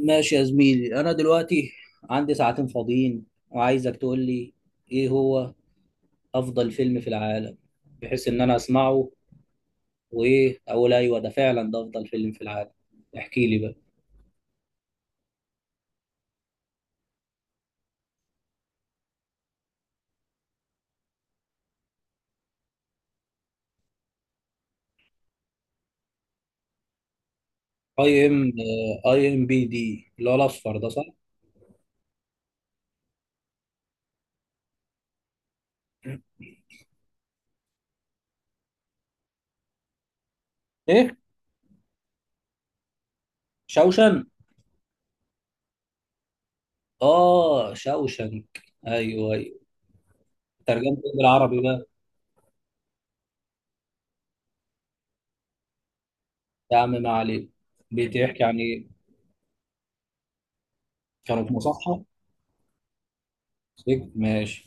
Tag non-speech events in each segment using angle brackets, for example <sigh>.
ماشي يا زميلي، انا دلوقتي عندي ساعتين فاضيين وعايزك تقول لي ايه هو افضل فيلم في العالم، بحيث ان انا اسمعه وايه اقول: ايوه ده فعلا ده افضل فيلم في العالم. احكي لي بقى. اي ام اي ام بي دي اللي هو الاصفر ده، صح؟ ايه؟ شوشن. اه، شوشنك. ايوه، ايوه. ترجمت ايه بالعربي بقى؟ يا عم ما عليك، بتحكي عن ايه؟ كانوا في مصحة؟ سجن؟ ماشي.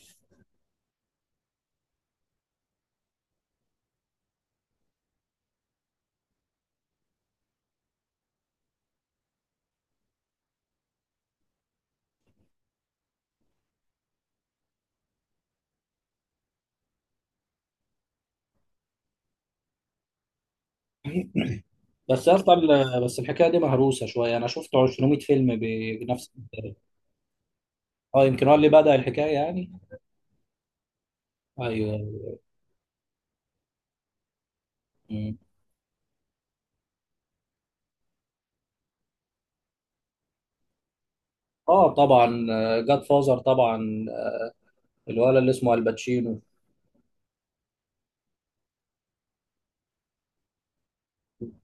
بس يا اسطى، بس الحكايه دي مهروسه شويه، انا شفت 200 فيلم بنفس الطريقه. اه، يمكن هو اللي بدا الحكايه يعني. ايوه. مم. اه طبعا. جاد فازر طبعا، الولد اللي اسمه الباتشينو.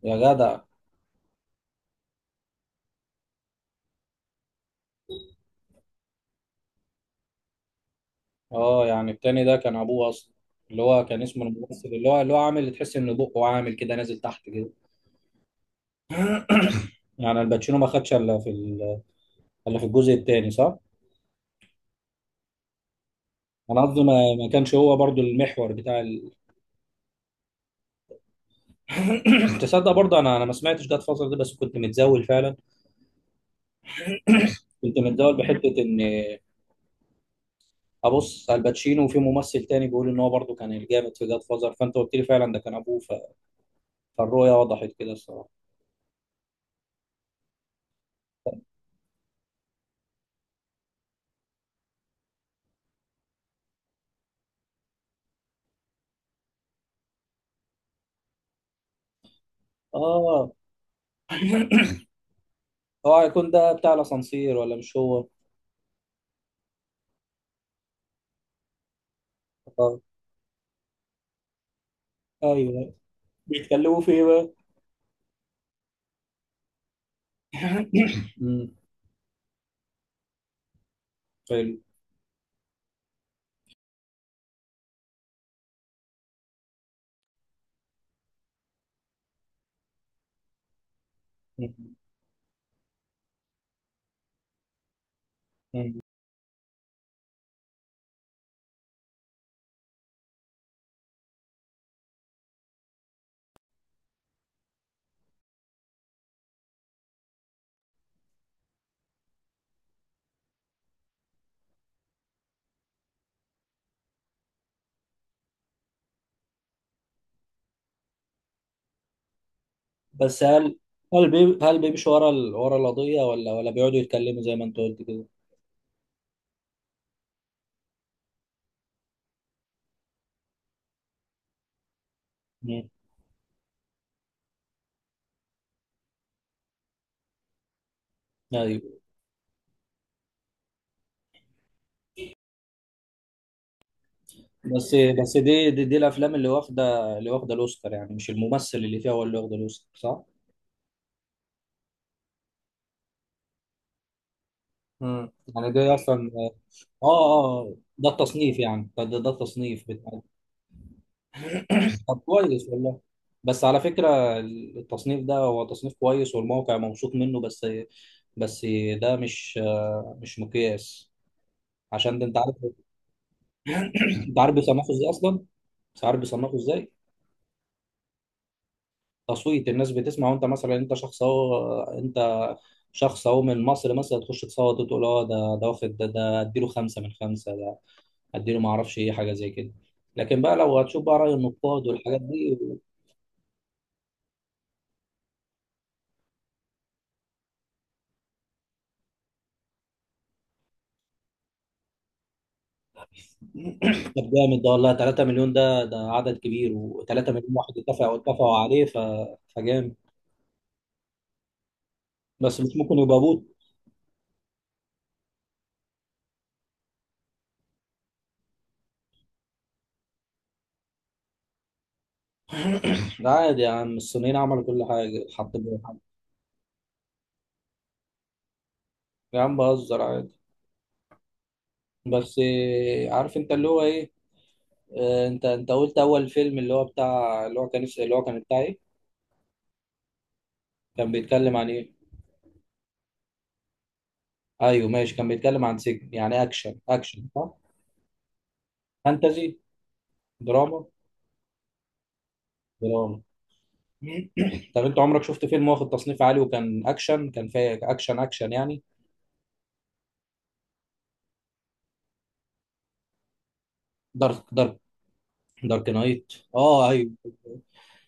يا جدع. اه يعني التاني ده كان ابوه اصلا، اللي هو كان اسمه الممثل، اللي هو عامل تحس ان بقه عامل كده نازل تحت كده. يعني الباتشينو ما خدش الا في الجزء التاني، صح؟ انا قصدي ما كانش هو برضو المحور بتاع. <clears throat> تصدق برضه انا ما سمعتش جاد فازر ده، بس كنت متزاول فعلا كنت متداول بحته ان ابص على الباتشينو، وفي ممثل تاني بيقول ان هو برضه كان الجامد في جاد فازر، فانت قلت لي فعلا ده كان ابوه فالرؤيه وضحت كده الصراحه. اه. <clears throat> هو هيكون ده بتاع الاسانسير، ولا مش هو؟ آه. ايوه. بيتكلموا في ايه بقى؟ <clears throat> مم. حلو. مم. مم. بس هل هل بيمشي ورا ورا القضيه، ولا بيقعدوا يتكلموا زي ما انت قلت كده؟ مم. ايوه. بس دي الافلام اللي واخده الاوسكار يعني، مش الممثل اللي فيها هو اللي واخده الاوسكار، صح؟ مم. يعني ده اصلا ده التصنيف يعني، ده التصنيف بتاع. طب كويس والله. بس على فكره، التصنيف ده هو تصنيف كويس والموقع مبسوط منه بس. بس ده مش مقياس، عشان ده انت عارف. انت عارف بيصنفوا ازاي اصلا؟ انت عارف بيصنفوا ازاي؟ تصويت الناس بتسمع. وانت مثلا انت شخص اهو من مصر، مثلا تخش تصوت وتقول: اه ده واخد، ده اديله خمسه من خمسه، اديله ما اعرفش ايه، حاجه زي كده. لكن بقى لو هتشوف بقى راي النقاد والحاجات دي. <clears throat> طب جامد ده والله. 3 مليون، ده عدد كبير، و3 مليون واحد اتفقوا عليه. فجامد. بس مش ممكن يبقى بوت؟ ده عادي يا عم، الصينيين عملوا كل حاجه، حط. يا عم بهزر عادي. بس إيه، عارف انت اللي هو ايه. انت قلت اول فيلم اللي هو بتاع اللي هو كان بتاع ايه؟ كان بيتكلم عن ايه؟ ايوه ماشي، كان بيتكلم عن سجن. يعني اكشن اكشن، صح؟ فانتزي؟ دراما. دراما. <clears throat> طب انت عمرك شفت فيلم واخد تصنيف عالي وكان اكشن، كان فيه اكشن اكشن يعني؟ دارك دارك دارك نايت. اه، ايوه.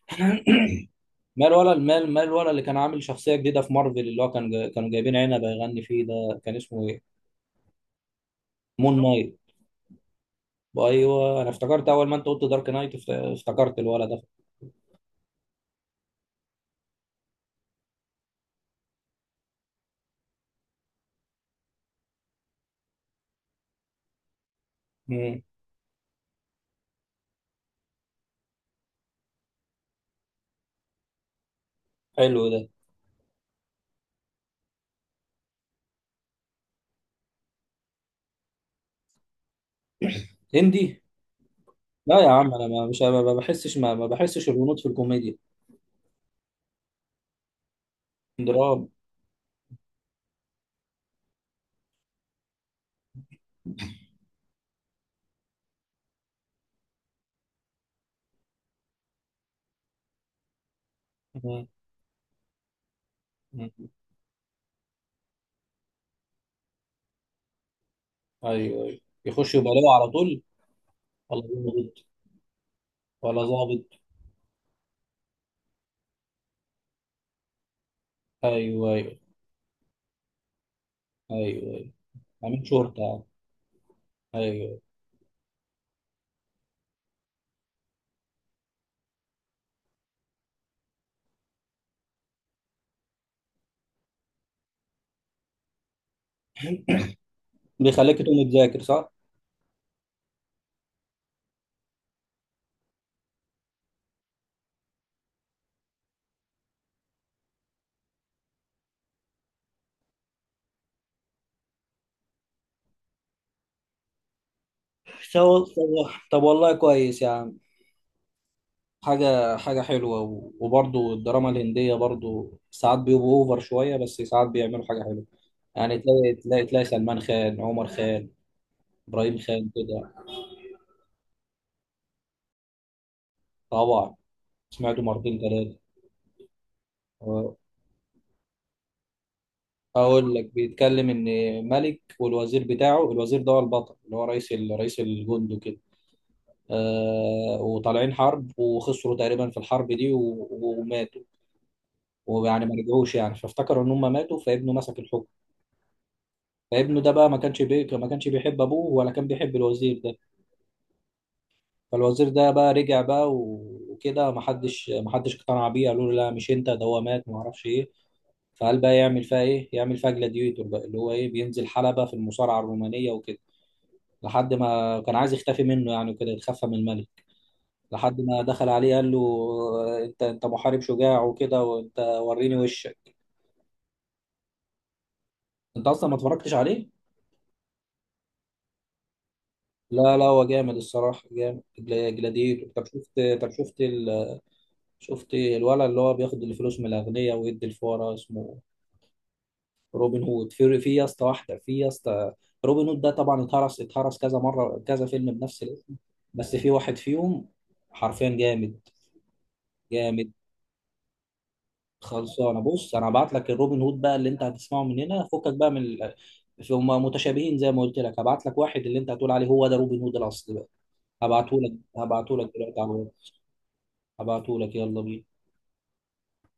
<clears throat> مال ولا المال، مال ولا اللي كان عامل شخصيه جديده في مارفل، اللي هو كانوا جايبين عنب يغني فيه، ده كان اسمه ايه؟ مون نايت. ايوه انا افتكرت اول ما انت قلت دارك نايت افتكرت الولد ده. مم. حلو ده. هندي؟ لا يا عم، انا ما مش ما ما بحسش ما, ما بحسش الهنود في الكوميديا. درام مم. مم. ايوه، ايوه. يخش يبقى لواء على طول؟ ولا ظابط؟ ولا ظابط؟ ايوه ايوه ايوه. عامل شرطه. ايوه. بيخليك تقوم تذاكر، صح؟ طب والله كويس يا عم. حاجه حلوه، و- وبرضو الدراما الهنديه برضو ساعات بيبقوا اوفر شويه، بس ساعات بيعملوا حاجه حلوه. يعني تلاقي سلمان خان، عمر خان، ابراهيم خان كده. طبعا. سمعته مرتين ثلاثه. اقول لك، بيتكلم ان ملك والوزير بتاعه، الوزير ده هو البطل، اللي هو رئيس الجند وكده. وطالعين حرب وخسروا تقريبا في الحرب دي و- وماتوا، ويعني ما رجعوش يعني، فافتكروا ان هم ماتوا، فابنه مسك الحكم. فابنه ده بقى ما كانش بيحب ابوه، ولا كان بيحب الوزير ده. فالوزير ده بقى رجع بقى، و- وكده ما حدش اقتنع بيه، قالوا له: لا مش انت، ده هو مات، ما اعرفش ايه. فقال بقى يعمل فيها ايه؟ يعمل فيها جلاديتور بقى، اللي هو ايه، بينزل حلبة في المصارعة الرومانية وكده، لحد ما كان عايز يختفي منه يعني، وكده يتخفى من الملك. لحد ما دخل عليه قال له: انت محارب شجاع وكده، وانت وريني وشك. انت اصلا ما اتفرجتش عليه؟ لا لا، هو جامد الصراحه جامد. جلاديتور. شفت الولد اللي هو بياخد الفلوس من الاغنياء ويدي الفقراء، اسمه؟ روبن هود. في يا اسطى، واحده، في يا اسطى. روبن هود ده طبعا اتهرس كذا مره، كذا فيلم بنفس الاسم. بس في واحد فيهم حرفيا جامد، جامد. خلصانه. بص انا هبعت لك الروبن هود بقى اللي انت هتسمعه، من هنا فكك بقى من. هم متشابهين زي ما قلت لك، هبعت لك واحد اللي انت هتقول عليه هو ده روبن هود الاصلي بقى. هبعته لك. هبعته لك دلوقتي على الواتس. هبعته لك. يلا بينا.